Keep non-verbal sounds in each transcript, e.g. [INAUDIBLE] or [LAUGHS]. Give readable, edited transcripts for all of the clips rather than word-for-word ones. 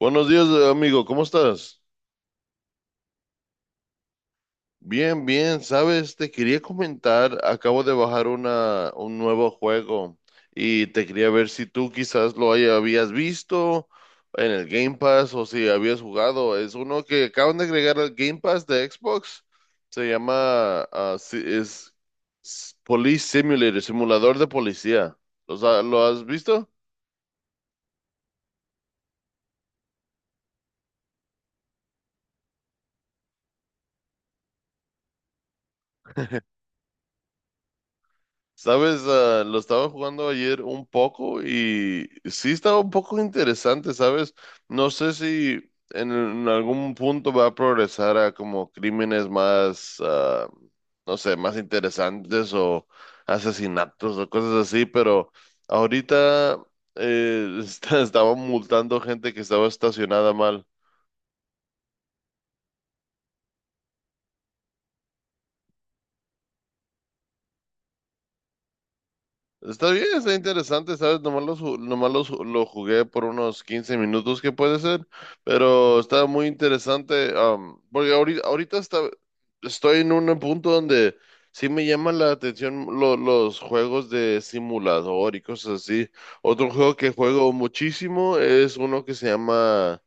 Buenos días, amigo, ¿cómo estás? Bien, bien, sabes, te quería comentar, acabo de bajar un nuevo juego y te quería ver si tú quizás habías visto en el Game Pass o si habías jugado. Es uno que acaban de agregar al Game Pass de Xbox. Se llama, Police Simulator, simulador de policía. ¿Lo has visto? Sabes, lo estaba jugando ayer un poco y sí estaba un poco interesante, ¿sabes? No sé si en algún punto va a progresar a como crímenes más, no sé, más interesantes o asesinatos o cosas así, pero ahorita [LAUGHS] estaba multando gente que estaba estacionada mal. Está bien, está interesante, ¿sabes? Lo jugué por unos 15 minutos, que puede ser, pero está muy interesante, porque ahorita estoy en un punto donde sí me llama la atención los juegos de simulador y cosas así. Otro juego que juego muchísimo es uno que se llama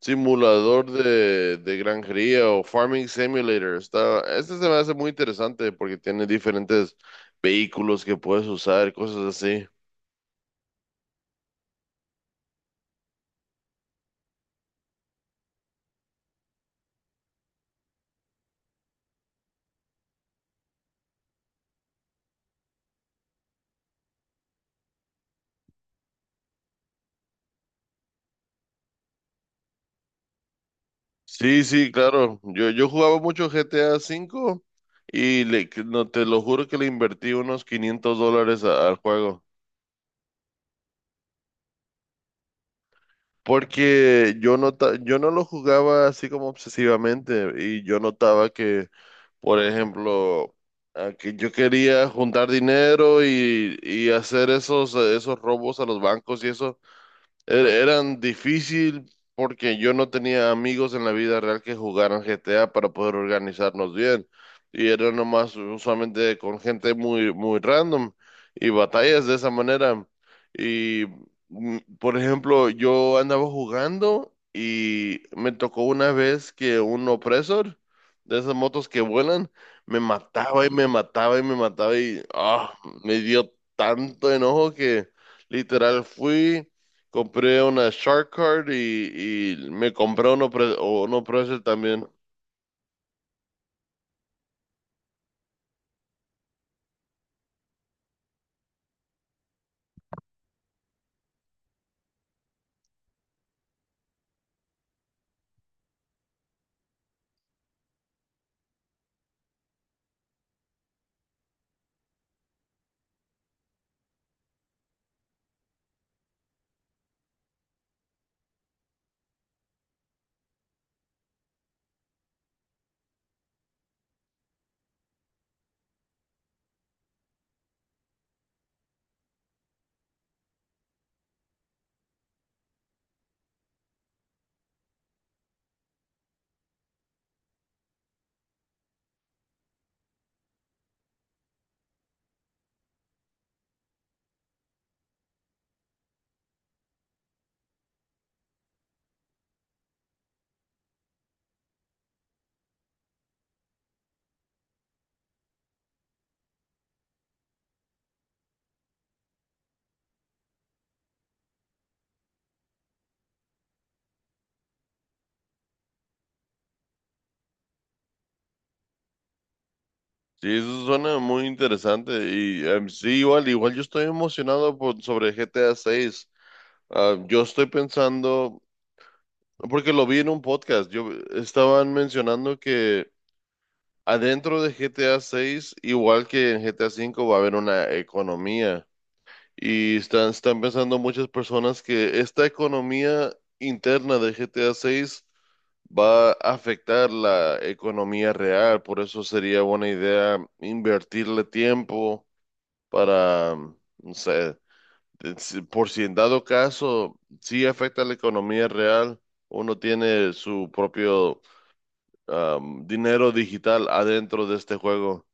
Simulador de granjería o Farming Simulator. Está, este se me hace muy interesante porque tiene diferentes vehículos que puedes usar, cosas así. Sí, sí, claro. Yo jugaba mucho GTA 5 V y le, que- no, te lo juro que le invertí unos $500 al juego. Porque yo no lo jugaba así como obsesivamente y yo notaba que, por ejemplo, a que yo quería juntar dinero y hacer esos robos a los bancos y eso. Eran difícil porque yo no tenía amigos en la vida real que jugaran GTA para poder organizarnos bien. Y era nomás usualmente con gente muy, muy random y batallas de esa manera. Y, por ejemplo, yo andaba jugando y me tocó una vez que un opresor de esas motos que vuelan me mataba y me mataba y me mataba y me dio tanto enojo que literal fui. Compré una Shark Card y me compré uno Pressel también. Sí, eso suena muy interesante. Y sí, igual, igual yo estoy emocionado sobre GTA 6. Yo estoy pensando, porque lo vi en un podcast, yo estaban mencionando que adentro de GTA 6, igual que en GTA 5, va a haber una economía. Están pensando muchas personas que esta economía interna de GTA 6 va a afectar la economía real, por eso sería buena idea invertirle tiempo para, mm, no sé, por si en dado caso sí afecta a la economía real, uno tiene su propio dinero digital adentro de este juego.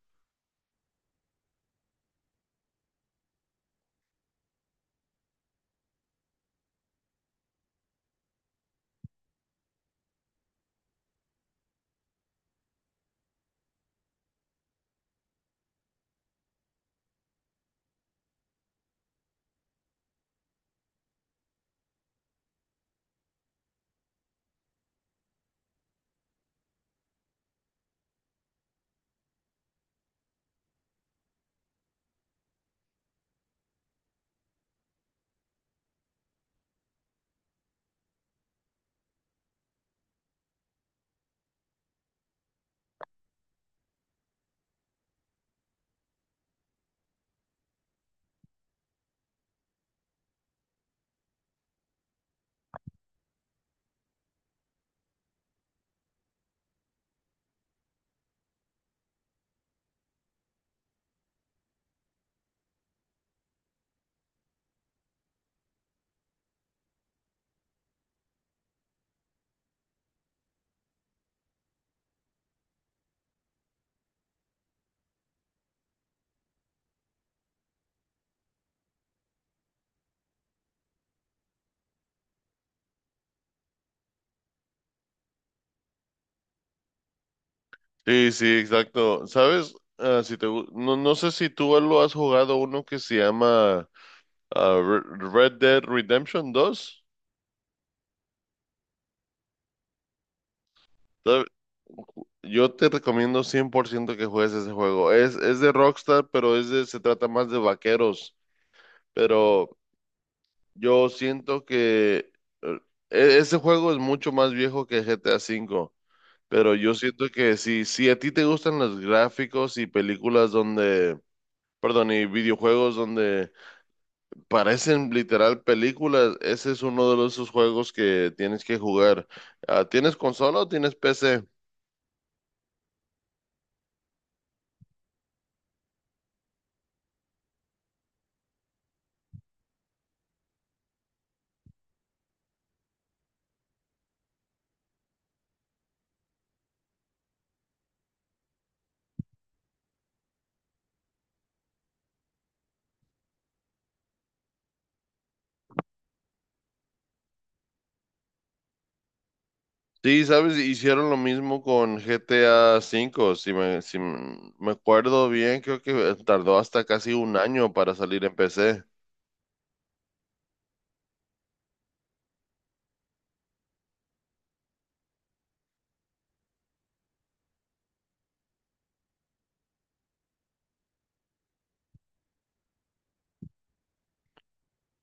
Sí, sí, exacto. ¿Sabes? No, no sé si tú lo has jugado uno que se llama ah, Re- Red Dead Redemption dos. ¿Sabe? Yo te recomiendo 100% que juegues ese juego. Es de Rockstar, pero se trata más de vaqueros. Pero yo siento que eh, ese juego es mucho más viejo que GTA 5. Pero yo siento que si a ti te gustan los gráficos y películas donde, perdón, y videojuegos donde parecen literal películas. Ese es uno de esos juegos que tienes que jugar. Ah, ¿tienes consola o tienes PC? Sí, sabes, hicieron lo mismo con GTA 5. Si me, si m- me acuerdo bien, creo que tardó hasta casi un año para salir en PC.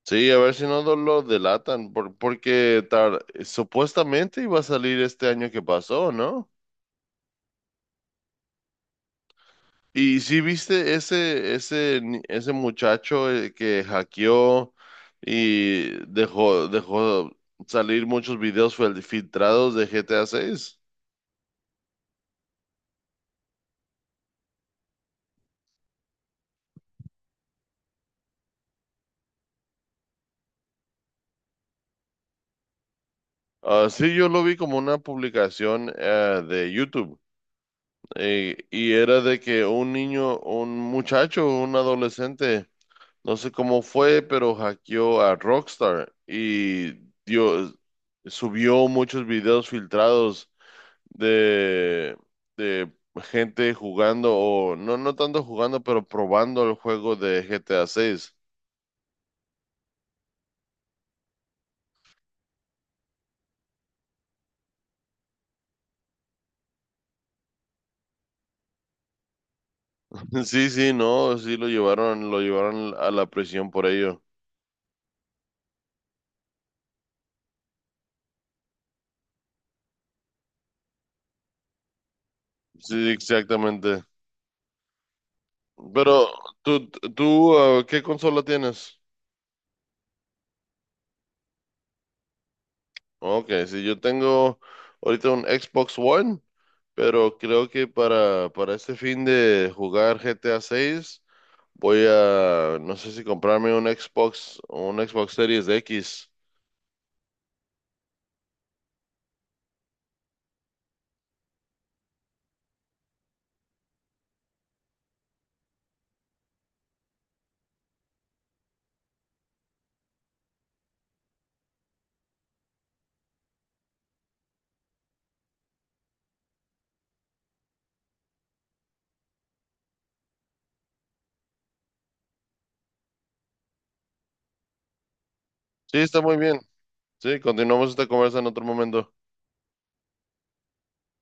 Sí, a ver si no lo delatan, porque supuestamente iba a salir este año que pasó, ¿no? Y si viste ese, ese, ni- ese muchacho que hackeó y dejó salir muchos videos filtrados de GTA 6. Ah, sí, yo lo vi como una publicación de YouTube y era de que un muchacho, un adolescente, no sé cómo fue, pero hackeó a Rockstar y dio, subió muchos videos filtrados de, de gente jugando, o no tanto jugando, pero probando el juego de GTA 6. [LAUGHS] Sí, sí, no, sí lo llevaron a la prisión por ello. Sí, exactamente. Pero tú, ¿qué consola tienes? Ok, sí, yo tengo ahorita un Xbox One, pero creo que para este fin de jugar GTA 6 voy a, no sé si comprarme un Xbox Series X. Sí, está muy bien. Sí, continuamos esta conversa en otro momento.